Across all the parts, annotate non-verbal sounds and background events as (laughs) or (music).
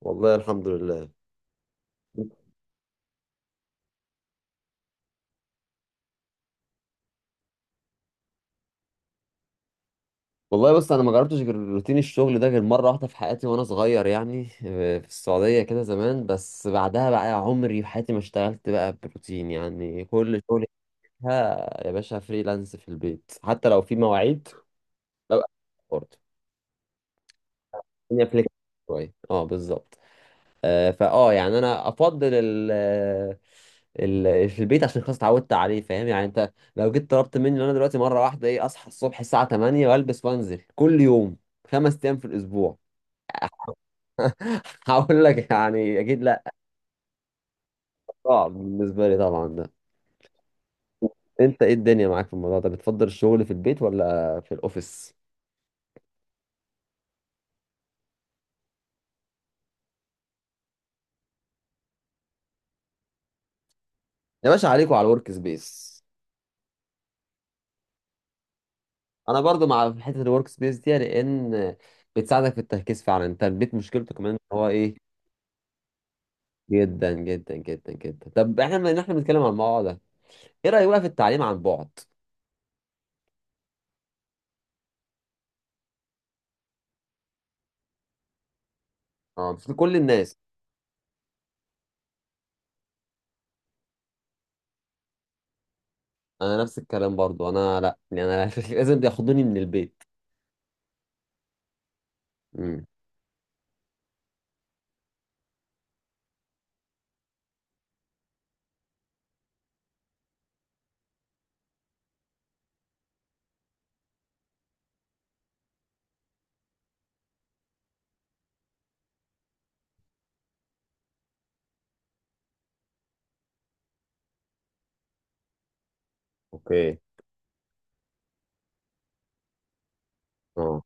والله الحمد لله. والله بص انا ما جربتش غير روتين الشغل ده غير مره واحده في حياتي وانا صغير يعني في السعوديه كده زمان. بس بعدها بقى عمري في حياتي ما اشتغلت بقى بروتين، يعني كل شغلي فيها يا باشا فريلانس في البيت حتى لو في مواعيد ببقى برضه. الدنيا فليكسبل شويه، اه بالظبط. آه، فاه يعني انا افضل ال في البيت عشان خلاص اتعودت عليه، فاهم؟ يعني انت لو جيت طلبت مني إن انا دلوقتي مره واحده اصحى الصبح الساعه 8 والبس وانزل كل يوم 5 ايام في الاسبوع. (laughs) هقول لك يعني اكيد لا، صعب بالنسبه لي طبعا ده. انت ايه الدنيا معاك في الموضوع ده؟ بتفضل الشغل في البيت ولا في الاوفيس؟ يا باشا عليكوا على الورك سبيس. انا برضو مع حته الورك سبيس دي، لان بتساعدك في التركيز فعلا. انت البيت مشكلته كمان ان هو ايه، جدا جدا جدا جدا. طب احنا بما ان احنا بنتكلم عن الموضوع ده، ايه رايك بقى في التعليم عن بعد؟ اه مش لكل الناس. انا نفس الكلام برضو، انا لا، يعني انا (laughs) لازم ياخدوني من البيت. امم. اوكي، اه،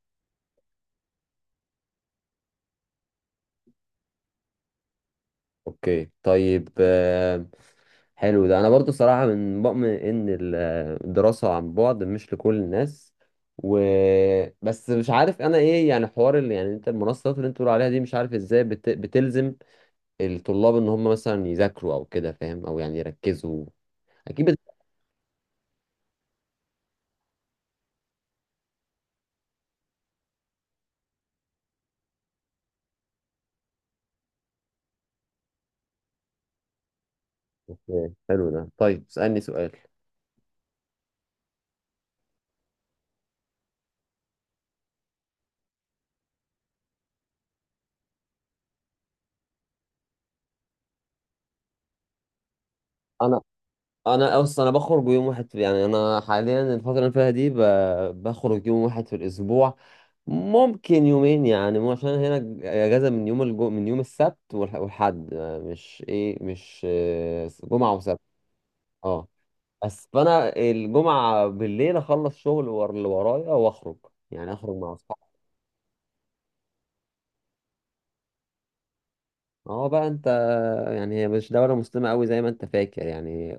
اوكي، طيب. حلو ده، انا برضو صراحه من مؤمن ان الدراسه عن بعد مش لكل الناس. و بس مش عارف انا ايه يعني حوار اللي يعني انت المنصات اللي انت بتقول عليها دي، مش عارف ازاي بتلزم الطلاب ان هم مثلا يذاكروا او كده، فاهم؟ او يعني يركزوا، اكيد اوكي. حلو ده. طيب اسألني سؤال. انا انا اصلا انا بخرج يوم واحد يعني انا حاليا الفتره اللي أنا فيها دي بخرج يوم واحد في الاسبوع، ممكن يومين، يعني مو عشان هنا اجازه من يوم السبت والحد. مش جمعه وسبت. اه، بس فانا الجمعه بالليل اخلص شغل اللي ورايا واخرج، يعني اخرج مع اصحابي. اه، بقى انت، يعني هي مش دوله مسلمه قوي زي ما انت فاكر يعني.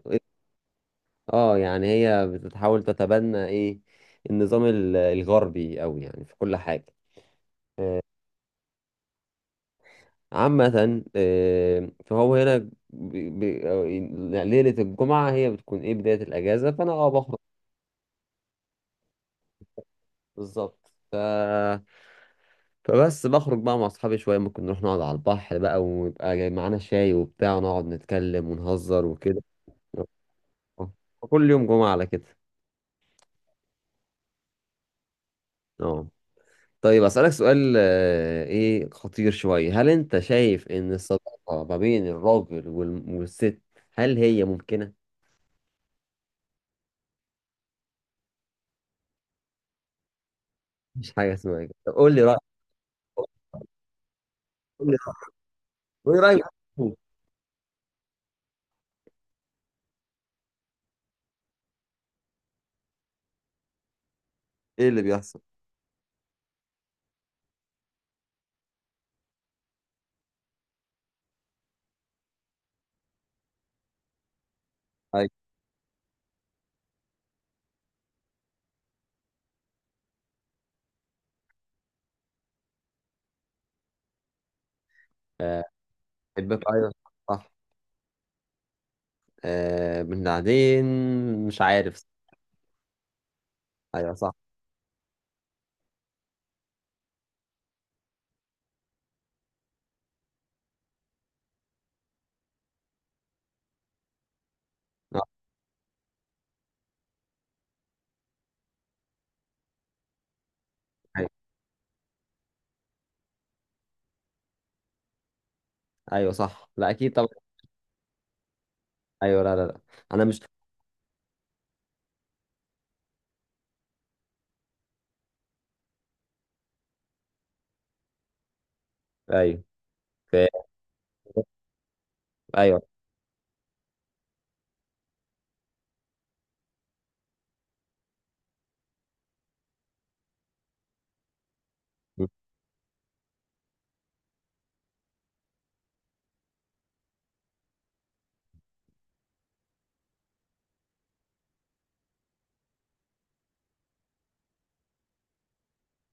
اه، يعني هي بتحاول تتبنى النظام الغربي قوي يعني في كل حاجة. عامة، فهو هنا بي- بي- ليلة الجمعة هي بتكون بداية الأجازة، فأنا بخرج، بالظبط. فبس بخرج بقى مع أصحابي شوية، ممكن نروح نقعد على البحر بقى، ويبقى جاي معانا شاي وبتاع، ونقعد نتكلم ونهزر وكده. آه. كل يوم جمعة على كده. اه طيب أسألك سؤال إيه، خطير شوية. هل أنت شايف إن الصداقة ما بين الراجل والست، هل هي ممكنة؟ مش حاجة اسمها كده؟ طب قول لي رأيك، قول لي رأيك، قول لي رأيك. إيه اللي بيحصل؟ أيوة. آه، بحبك، أيوة. صح. بعدين مش عارف. أيوة صح. آه، أيوة. أيوة صح، لا أكيد طبعا. أيوة، لا لا لا، أنا مش، أيوة. ف- أيوة،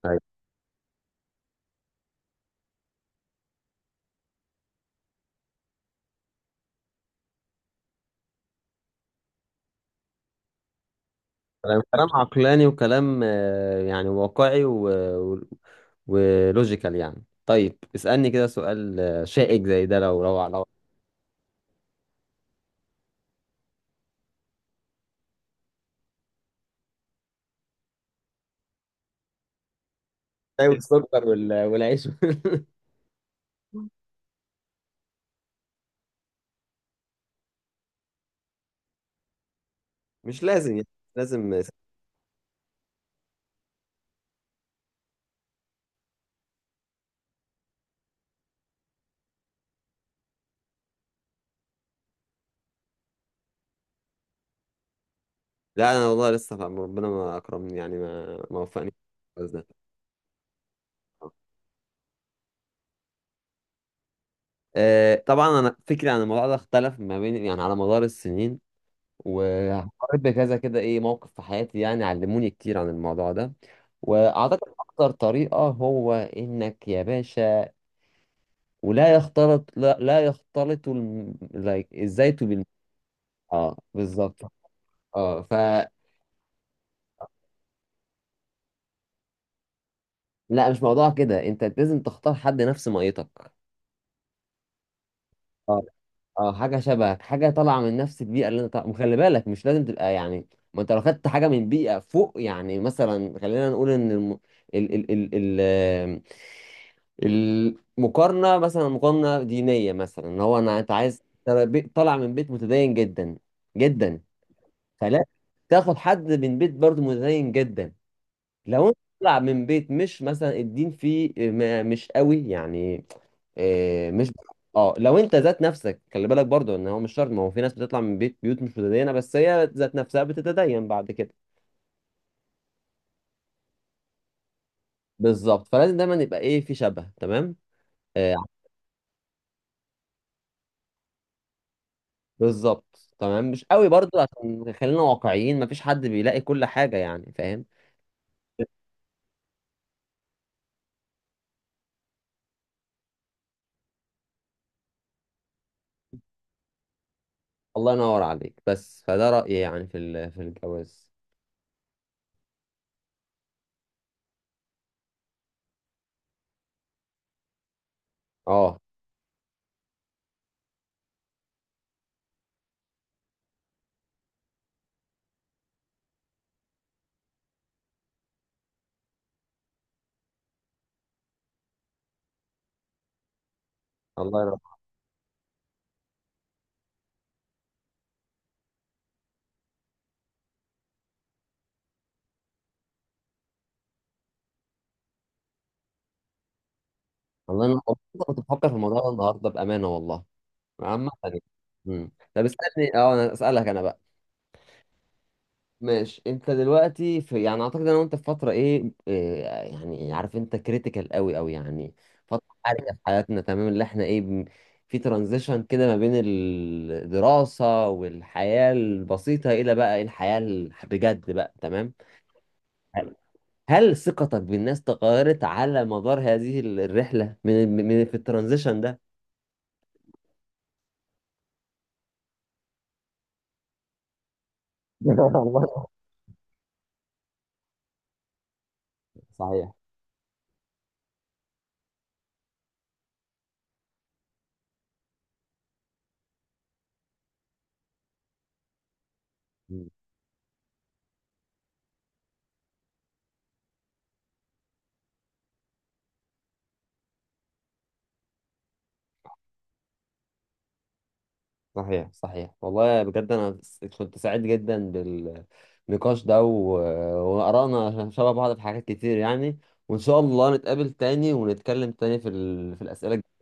أيوة. كلام عقلاني، وكلام يعني واقعي و... ولوجيكال يعني. طيب اسألني كده سؤال شائك زي ده، لو طيب السكر والعيش (laughs) مش لازم يعني، لازم. لا انا والله لسه فاهم، ربنا ما اكرمني يعني ما وفقني في الجواز ده. طبعا انا فكري عن الموضوع ده اختلف ما بين، يعني على مدار السنين، وهقرب بكذا كده موقف في حياتي يعني علموني كتير عن الموضوع ده. واعتقد اكتر طريقة هو انك يا باشا ولا يختلط، لا، لا يختلط الم... لا- الزيت بالمعجون. اه بالظبط. اه ف لا مش موضوع كده، انت لازم تختار حد نفس ميتك. اه، اه، حاجه شبهك، حاجه طالعه من نفس البيئه اللي انت طالع، وخلي بالك مش لازم تبقى يعني، ما انت لو خدت حاجه من بيئه فوق، يعني مثلا خلينا نقول ان ال... ال... ال... المقارنه، مثلا مقارنه دينيه، مثلا ان هو انت عايز ترى طالع من بيت متدين جدا جدا، فلا تاخد حد من بيت برضه متدين جدا. لو انت طالع من بيت مش مثلا الدين فيه مش قوي يعني، آه، مش اه لو انت ذات نفسك، خلي بالك برضو ان هو مش شرط، ما هو في ناس بتطلع من بيوت مش متدينه، بس هي ذات نفسها بتتدين بعد كده. بالظبط، فلازم دايما يبقى في شبه تمام، آه بالظبط. تمام، مش قوي برضو، عشان خلينا واقعيين، مفيش حد بيلاقي كل حاجه، يعني فاهم؟ الله ينور عليك. بس فده رأيي يعني في الجواز. اه الله ينور، الله ينور. كنت بفكر في الموضوع ده النهارده بأمانة والله، عامة يعني. مم. طب اسألني، انا اسألك انا بقى. ماشي، انت دلوقتي في، يعني اعتقد انا وانت في فترة ايه, إيه يعني، عارف، انت كريتيكال قوي قوي يعني، فترة حرجة في حياتنا، تمام؟ اللي احنا في ترانزيشن كده ما بين الدراسة والحياة البسيطة الى بقى الحياة بجد بقى، تمام؟ هل هل ثقتك بالناس تغيرت على مدار هذه الرحلة، من في الترانزيشن ده؟ (laughs) والله صحيح، صحيح، صحيح. والله بجد انا كنت سعيد جدا بالنقاش ده، وآرائنا شبه بعض في حاجات كتير يعني، وان شاء الله نتقابل تاني ونتكلم تاني في الأسئلة.